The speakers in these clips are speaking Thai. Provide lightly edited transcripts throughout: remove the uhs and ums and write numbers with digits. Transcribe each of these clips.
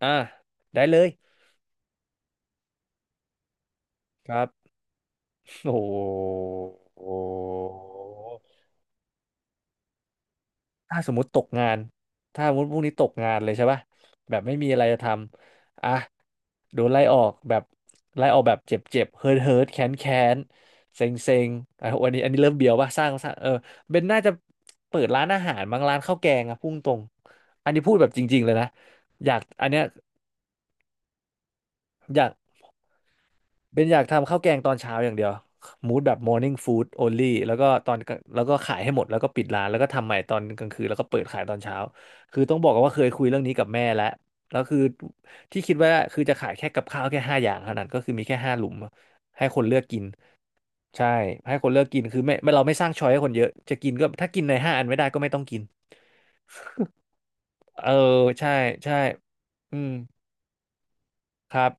อ่าได้เลยครับโอ้โหถ้าสมมติตกงานถ้าสมมติพรุ่งนี้ตกงานเลยใช่ป่ะแบบไม่มีอะไรจะทำอ่ะโดนไล่ออกแบบไล่ออกแบบเจ็บเจ็บเฮิร์ทเฮิร์ทแค้นแค้นเซ็งเซ็งอ่ะวันนี้อันนี้เริ่มเบียวป่ะสร้างเบนน่าจะเปิดร้านอาหารบางร้านข้าวแกงอะพุ่งตรงอันนี้พูดแบบจริงๆเลยนะอยากอันเนี้ยอยาก อยากทำข้าวแกงตอนเช้าอย่างเดียวมูดแบบ morning food only แล้วก็ตอนแล้วก็ขายให้หมดแล้วก็ปิดร้านแล้วก็ทำใหม่ตอนกลางคืนแล้วก็เปิดขายตอนเช้าคือต้องบอกกันว่าเคยคุยเรื่องนี้กับแม่แล้วแล้วคือที่คิดว่าคือจะขายแค่กับข้าวแค่ห้าอย่างเท่านั้นก็คือมีแค่ห้าหลุมให้คนเลือกกินใช่ให้คนเลือกกินคือไม่เราไม่สร้างช้อยให้คนเยอะจะกินก็ถ้ากินในห้าอันไม่ได้ก็ไม่ต้องกินเออใช่ใช่อืมครับ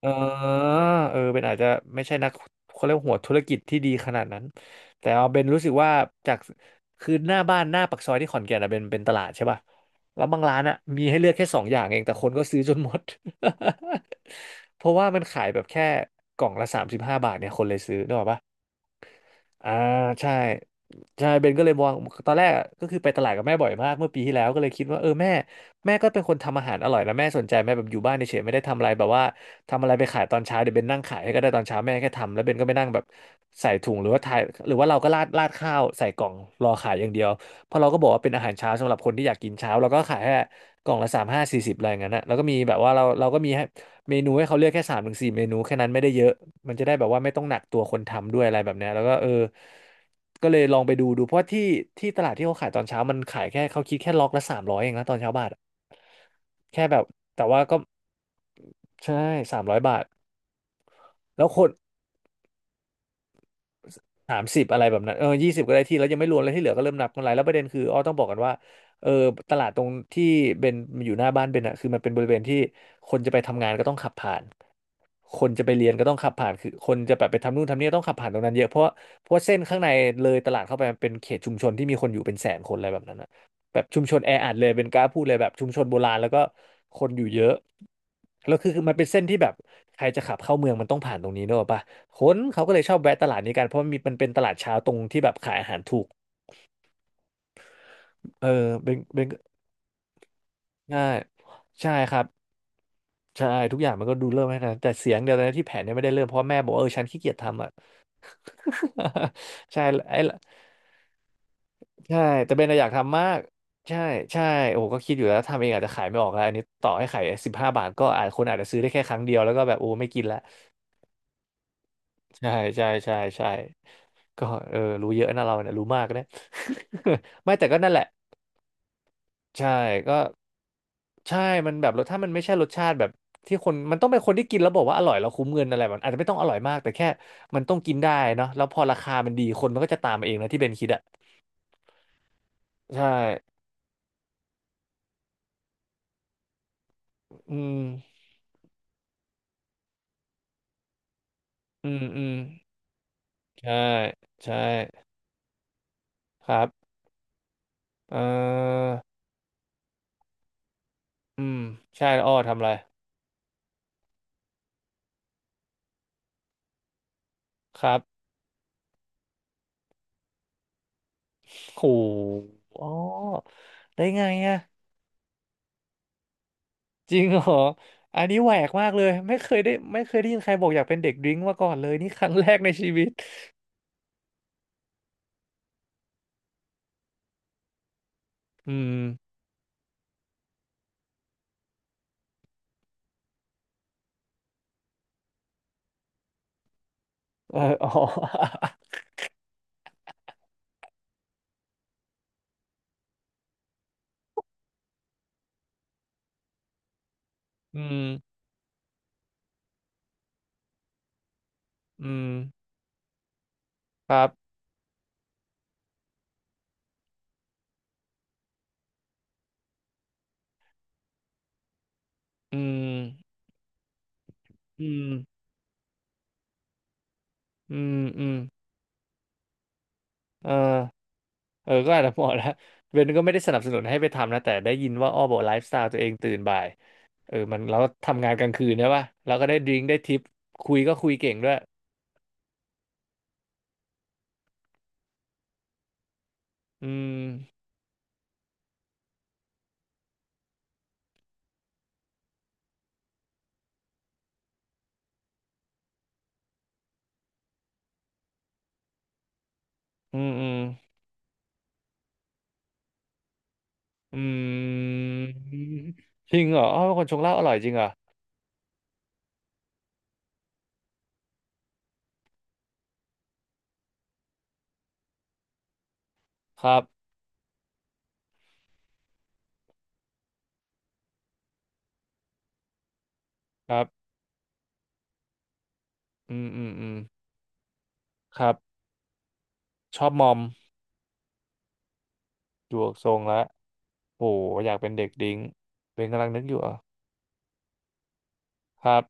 เออเออเป็นอาจจะไม่ใช่นักเขาเรียกว่าหัวธุรกิจที่ดีขนาดนั้นแต่เอาเป็นรู้สึกว่าจากคือหน้าบ้านหน้าปากซอยที่ขอนแก่นอะเป็นตลาดใช่ป่ะแล้วบางร้านอะมีให้เลือกแค่สองอย่างเองแต่คนก็ซื้อจนหมด เพราะว่ามันขายแบบแค่กล่องละ35 บาทเนี่ยคนเลยซื้อนึกออกปะ อ่าใช่ใช่เบนก็เลยมองตอนแรกอะก็คือไปตลาดกับแม่บ่อยมากเมื่อปีที่แล้วก็เลยคิดว่าเออแม่ก็เป็นคนทำอาหารอร่อยนะแม่สนใจแม่แบบอยู่บ้านเฉยๆไม่ได้ทำอะไรแบบว่าทำอะไรไปขายตอนเช้าเดี๋ยวเบนนั่งขายให้ก็ได้ตอนเช้าแม่แค่ทำแล้วเบนก็ไปนั่งแบบใส่ถุงหรือว่าทายหรือว่าเราก็ราดราดข้าวใส่กล่องรอขายอย่างเดียวเพราะเราก็บอกว่าเป็นอาหารเช้าสำหรับคนที่อยากกินเช้าเราก็ขายแค่กล่องละสามห้าสี่สิบอะไรอย่างนั้นนะแล้วก็มีแบบว่าเราก็มี เมนูให้เขาเลือกแค่สามถึงสี่เมนูแค่นั้นไม่ได้เยอะมันจะได้แบบว่าไม่ต้องหนักตัวคนทำด้วยอะไรแบบเนี้ยแล้วก็เออก็เลยลองไปดูดูเพราะว่าที่ที่ตลาดที่เขาขายตอนเช้ามันขายแค่เขาคิดแค่ล็อกละสามร้อยเองนะตอนเช้าบาทอะแค่แบบแต่ว่าก็ใช่300 บาทแล้วคนสามสิบอะไรแบบนั้นเออ20ก็ได้ที่แล้วยังไม่รวมอะไรที่เหลือก็เริ่มนับกันไรแล้วประเด็นคืออ้อต้องบอกกันว่าเออตลาดตรงที่เบนอยู่หน้าบ้านเบนอะคือมันเป็นบริเวณที่คนจะไปทำงานก็ต้องขับผ่าน คนจะไปเรียนก็ต้องขับผ่านคือคนจะแบบไปทำนู่นทำนี่ต้องขับผ่านตรงนั้นเยอะเพราะเส้นข้างในเลยตลาดเข้าไปมันเป็นเขตชุมชนที่มีคนอยู่เป็นแสนคนอะไรแบบนั้นนะแบบชุมชนแออัดเลยเป็นกล้าพูดเลยแบบชุมชนโบราณแล้วก็คนอยู่เยอะแล้วคือมันเป็นเส้นที่แบบใครจะขับเข้าเมืองมันต้องผ่านตรงนี้เนกอะปะคนเขาก็เลยชอบแวะตลาดนี้กันเพราะมันมีมันเป็นตลาดเช้าตรงที่แบบขายอาหารถูกเออเป็นใช่ใช่ครับใช่ทุกอย่างมันก็ดูเริ่มให้นะแต่เสียงเดียวนะที่แผนเนี่ยไม่ได้เริ่มเพราะแม่บอกว่าเออฉันขี้เกียจทำอ่ะ ใช่ไอ้ใช่แต่เบนอะอยากทำมากใช่ใช่โอ้โหก็คิดอยู่แล้วทำเองอาจจะขายไม่ออกแล้วอันนี้ต่อให้ขายสิบห้าบาทก็อาจคนอาจจะซื้อได้แค่ครั้งเดียวแล้วก็แบบโอ้ไม่กินละใช่ใช่ใช่ใช่ก็เออรู้เยอะนะเราเนี่ยรู้มากนะ ไม่แต่ก็นั่นแหละใช่ก็ใช่มันแบบรสถ้ามันไม่ใช่รสชาติแบบที่คนมันต้องเป็นคนที่กินแล้วบอกว่าอร่อยแล้วคุ้มเงินอะไรมันอาจจะไม่ต้องอร่อยมากแต่แค่มันต้องกินได้เนาะแล้วพอราคามันดีคนมันก็จะตามมาเองนะที่เบนคิดอะใช่ อืมอืมอืมใช่ใช่ครับเอ่ออืมใช่อ้อทำอะไรครับโหอ้อได้ไงอะจริงเหรออันนี้แหวกมากเลยไม่เคยได้ยินใครบอกอยากเป็นเด็กดริ้งก์มาก่อนเลยนี่ครั้งแรกในชีวิตอืมเอออ๋ออืมอืมครับอืมอืมอืมอืมเออ เออก็อาจจะเหมาะแล้วเบนก็ไม่ได้สนับสนุนให้ไปทำนะแต่ได้ยินว่าอ้อบอกไลฟ์สไตล์ตัวเองตื่นบ่ายเออมันแล้วทำงานกลางคืนใช่ป่ะแล้วก็ได้ดริงก์ได้ทิปคุยก็คุยเก่งด้วยอืมอืมอืมอืมจริงเหรออ้อเป็นคนชงเหล้าอร่อยจริงเหรอครับครับอืมอืมอืมครับชอบมอมดูออกทรงแล้วโหอยากเป็นเด็กดริงก์เบนกำลังนึกอยู่เหรอ่ะครับ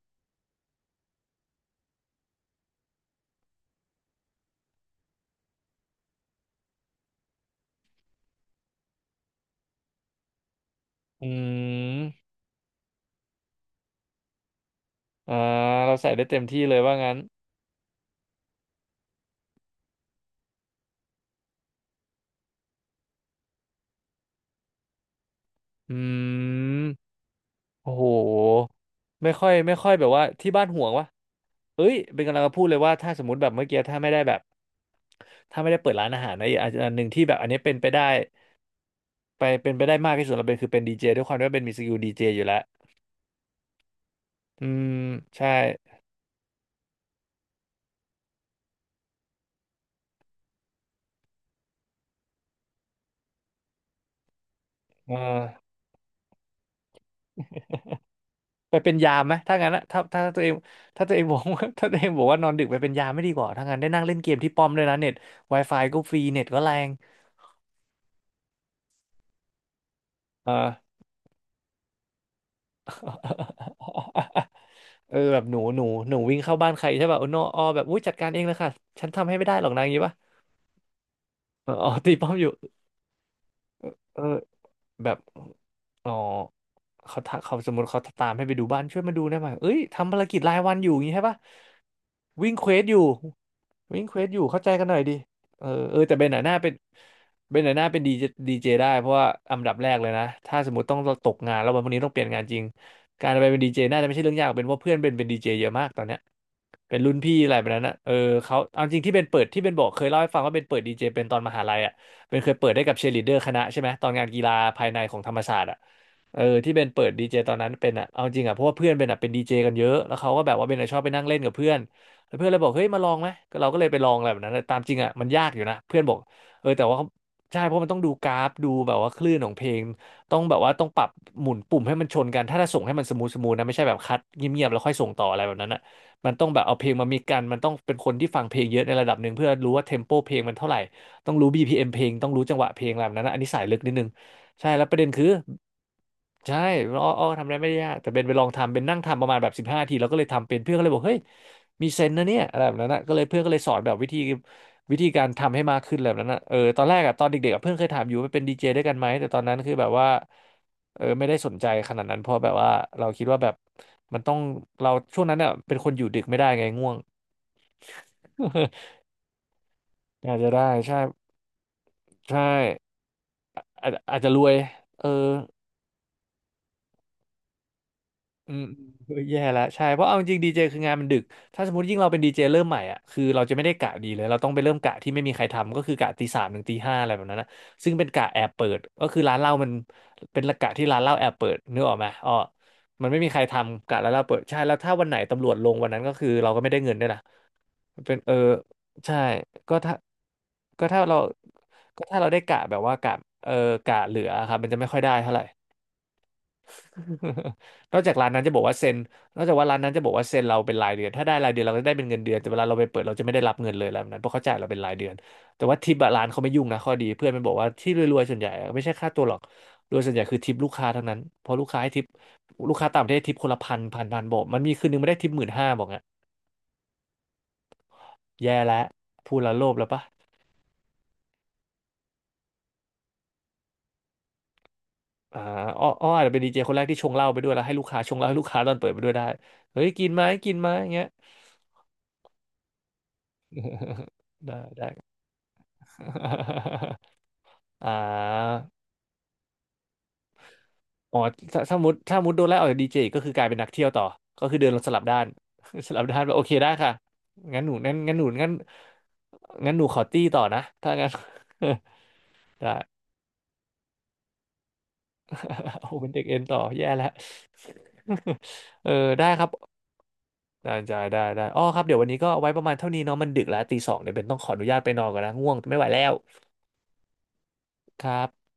อืมอ่าเราใส่ได้เต็มที่เลยว่างั้นอืม โอ้โหไม่ค่อยแบบว่าที่บ้านห่วงวะเอ้ยเป็นกำลังจะพูดเลยว่าถ้าสมมติแบบเมื่อกี้ถ้าไม่ได้แบบถ้าไม่ได้เปิดร้านอาหารนะอกอันหนึ่งที่แบบอันนี้เป็นไปได้มากที่สุดเราเป็นคือเป็นดีเจด้วยความที่ว่าเป็นมีสกิลดีเจอยู่แล้วอืมใช่เออไปเป็นยามไหมถ้างั้นนะถ้าตัวเองบอกว่า ถ้าตัวเองบอกว่านอนดึกไปเป็นยามไม่ดีกว่าถ้างั้นได้นั่งเล่นเกมที่ป้อมด้วยนะเน็ต Wi-Fi ก็ฟรีเน็ตก็แรงเออ เออแบบหนูวิ่งเข้าบ้านใครใช่ป่ะโอ้โนออแบบอุ้ยจัดการเองเลยค่ะฉันทำให้ไม่ได้หรอกนะอย่างงี้ป่ะเอออ๋อตีป้อมอยู่เออแบบ อ๋อเขาถ้าเขาสมมติเขาตามให้ไปดูบ้านช่วยมาดูได้ไหมเอ้ยทำภารกิจรายวันอยู่อย่างงี้ใช่ปะวิ่งเควสอยู่วิ่งเควสอยู่เข้าใจกันหน่อยดิเออเออแต่เบนหน่ะหน้าเป็นเบนหน่ะหน้าเป็นดีเจดีเจได้เพราะว่าอันดับแรกเลยนะถ้าสมมติต้องตกงานแล้ววันพรุ่งนี้ต้องเปลี่ยนงานจริงการไปเป็นดีเจน่าจะไม่ใช่เรื่องยากเป็นว่าเพื่อนเบนเป็นดีเจเยอะมากตอนเนี้ยเป็นรุ่นพี่อะไรแบบนั้นนะเออเขาเอาจริงที่เบนเปิดที่เบนบอกเคยเล่าให้ฟังว่าเบนเปิดดีเจเป็นตอนมหาลัยอ่ะเปนเคยเปิดได้กับเชียร์ลีดเดอร์คณะใช่ไหมตอนงานกีฬาภายในของธรรมศาสตร์อ่ะ เออที่เป็นเปิดดีเจตอนนั้นเป็นอ่ะเอาจริงอ่ะเพราะว่าเพื่อนเป็นอ่ะเป็นดีเจกันเยอะแล้วเขาก็แบบว่าเบนอ่ะชอบไปนั่งเล่นกับเพื่อนแล้วเพื่อนเลยบอกเฮ้ยมาลองไหมก็เราก็เลยไปลองอะไรแบบนั้นแต่ตามจริงอ่ะมันยากอยู่นะเพื่อนบอกเออแต่ว่าเขาใช่เพราะมันต้องดูกราฟดูแบบว่าคลื่นของเพลงต้องแบบว่าต้องปรับหมุนปุ่มให้มันชนกันถ้าจะส่งให้มันสมูทสมูทนะไม่ใช่แบบคัดเงียบๆแล้วค่อยส่งต่ออะไรแบบนั้นอ่ะมันต้องแบบเอาเพลงมามีกันมันต้องเป็นคนที่ฟังเพลงเยอะในระดับหนึ่งเพื่อรู้ว่าเทมโปเพลงมันเท่าไหร่ต้องรู้BPMเพลงต้องรู้จังหวะเพลงอะไรแบบนั้นนะอันนี้สายลึกนิดนึงใช่แล้วประเด็นคือ ใช่อ้ออ้อทำอะไรไม่ได้ยากแต่เบนไปลองทำเบนนั่งทำประมาณแบบ15 ทีแล้วก็เลยทำเป็นเพื่อนก็เลยบอกเฮ้ยมีเซนส์นะเนี่ยอะไรแบบนั้นนะก็เลยเพื่อนก็เลยสอนแบบวิธีการทำให้มากขึ้นอะไรแบบนั้นนะเออตอนแรกอะตอนเด็กๆอะเพื่อนเคยถามอยู่ว่าเป็นดีเจด้วยกันไหม แต่ตอนนั้นคือแบบว่าเออไม่ได้สนใจขนาดนั้น เพราะแบบว่าเราคิดว่าแบบมันต้องเราช่วงนั้นอะเป็นคนอยู่ดึกไม่ได้ไงง่วง อาจจะได้ใช่ใช่อาจอาจจะรวยเออ อืมเออแย่แลวใช่เพราะเอาจริงดีเจคืองานมันดึกถ้าสมมติยิ่งเราเป็นดีเจเริ่มใหม่อ่ะคือเราจะไม่ได้กะดีเลยเราต้องไปเริ่มกะที่ไม่มีใครทำก็คือกะตี 3 ถึงตี 5อะไรแบบนั้นนะซึ่งเป็นกะแอบเปิดก็คือร้านเหล้ามันเป็นกะที่ร้านเหล้าแอบเปิดนึกออกไหมอ๋อมันไม่มีใครทำกะร้านเหล้าเปิดใช่แล้วถ้าวันไหนตำรวจลงวันนั้นก็คือเราก็ไม่ได้เงินด้วยนะเป็นเออใช่ก็ถ้าก็ถ้าเราก็ถ้าเราได้กะแบบว่ากะเออกะเหลือครับมันจะไม่ค่อยได้เท่าไหร่ นอกจากร้านนั้นจะบอกว่าเซ็นนอกจากว่าร้านนั้นจะบอกว่าเซ็นเราเป็นรายเดือนถ้าได้รายเดือนเราก็จะได้เป็นเงินเดือนแต่เวลาเราไปเปิดเราจะไม่ได้รับเงินเลยอะไรแบบนั้นเพราะเขาจ่ายเราเป็นรายเดือนแต่ว่าทิปอะร้านเขาไม่ยุ่งนะข้อดีเพื่อนมันบอกว่าที่รวยๆส่วนใหญ่อะไม่ใช่ค่าตัวหรอกโดยส่วนใหญ่คือทิปลูกค้าทั้งนั้นเพราะลูกค้าให้ทิปลูกค้าต่างประเทศทิปคนละพันพันพันบอกมันมีคืนนึงไม่ได้ทิป15,000บอกงี้แย่แล้วพูดแล้วโลภแล้วปะอ่าอ้ออ้ออาจจะเป็นดีเจคนแรกที่ชงเหล้าไปด้วยแล้วให้ลูกค้าชงเหล้าให้ลูกค้าตอนเปิดไปด้วยได้เฮ้ยกินไหมกินไหมอย่างเงี้ย ได้ได้ อ่าอ๋อถ้าถ้ามุดโดนไล่ออกจากดีเจก็คือกลายเป็นนักเที่ยวต่อ ก็คือเดินลงสลับด้าน สลับด้านแบบโอเคได้ค่ะงั้นหนูงั้นงั้นหนูงั้นงั้นหนูขอตี้ต่อนะถ้างั้น ได้ โอ้เป็นเด็กเอ็นต่อแย่แล้ว เออได้ครับได้ได้ได้ได้อ๋อครับเดี๋ยววันนี้ก็เอาไว้ประมาณเท่านี้เนาะมันดึกแล้วตี 2เดี๋ยวเป็นต้องขออนุญาตไปนอนก่อนนะง่วงไม่ไหวแล้วครับ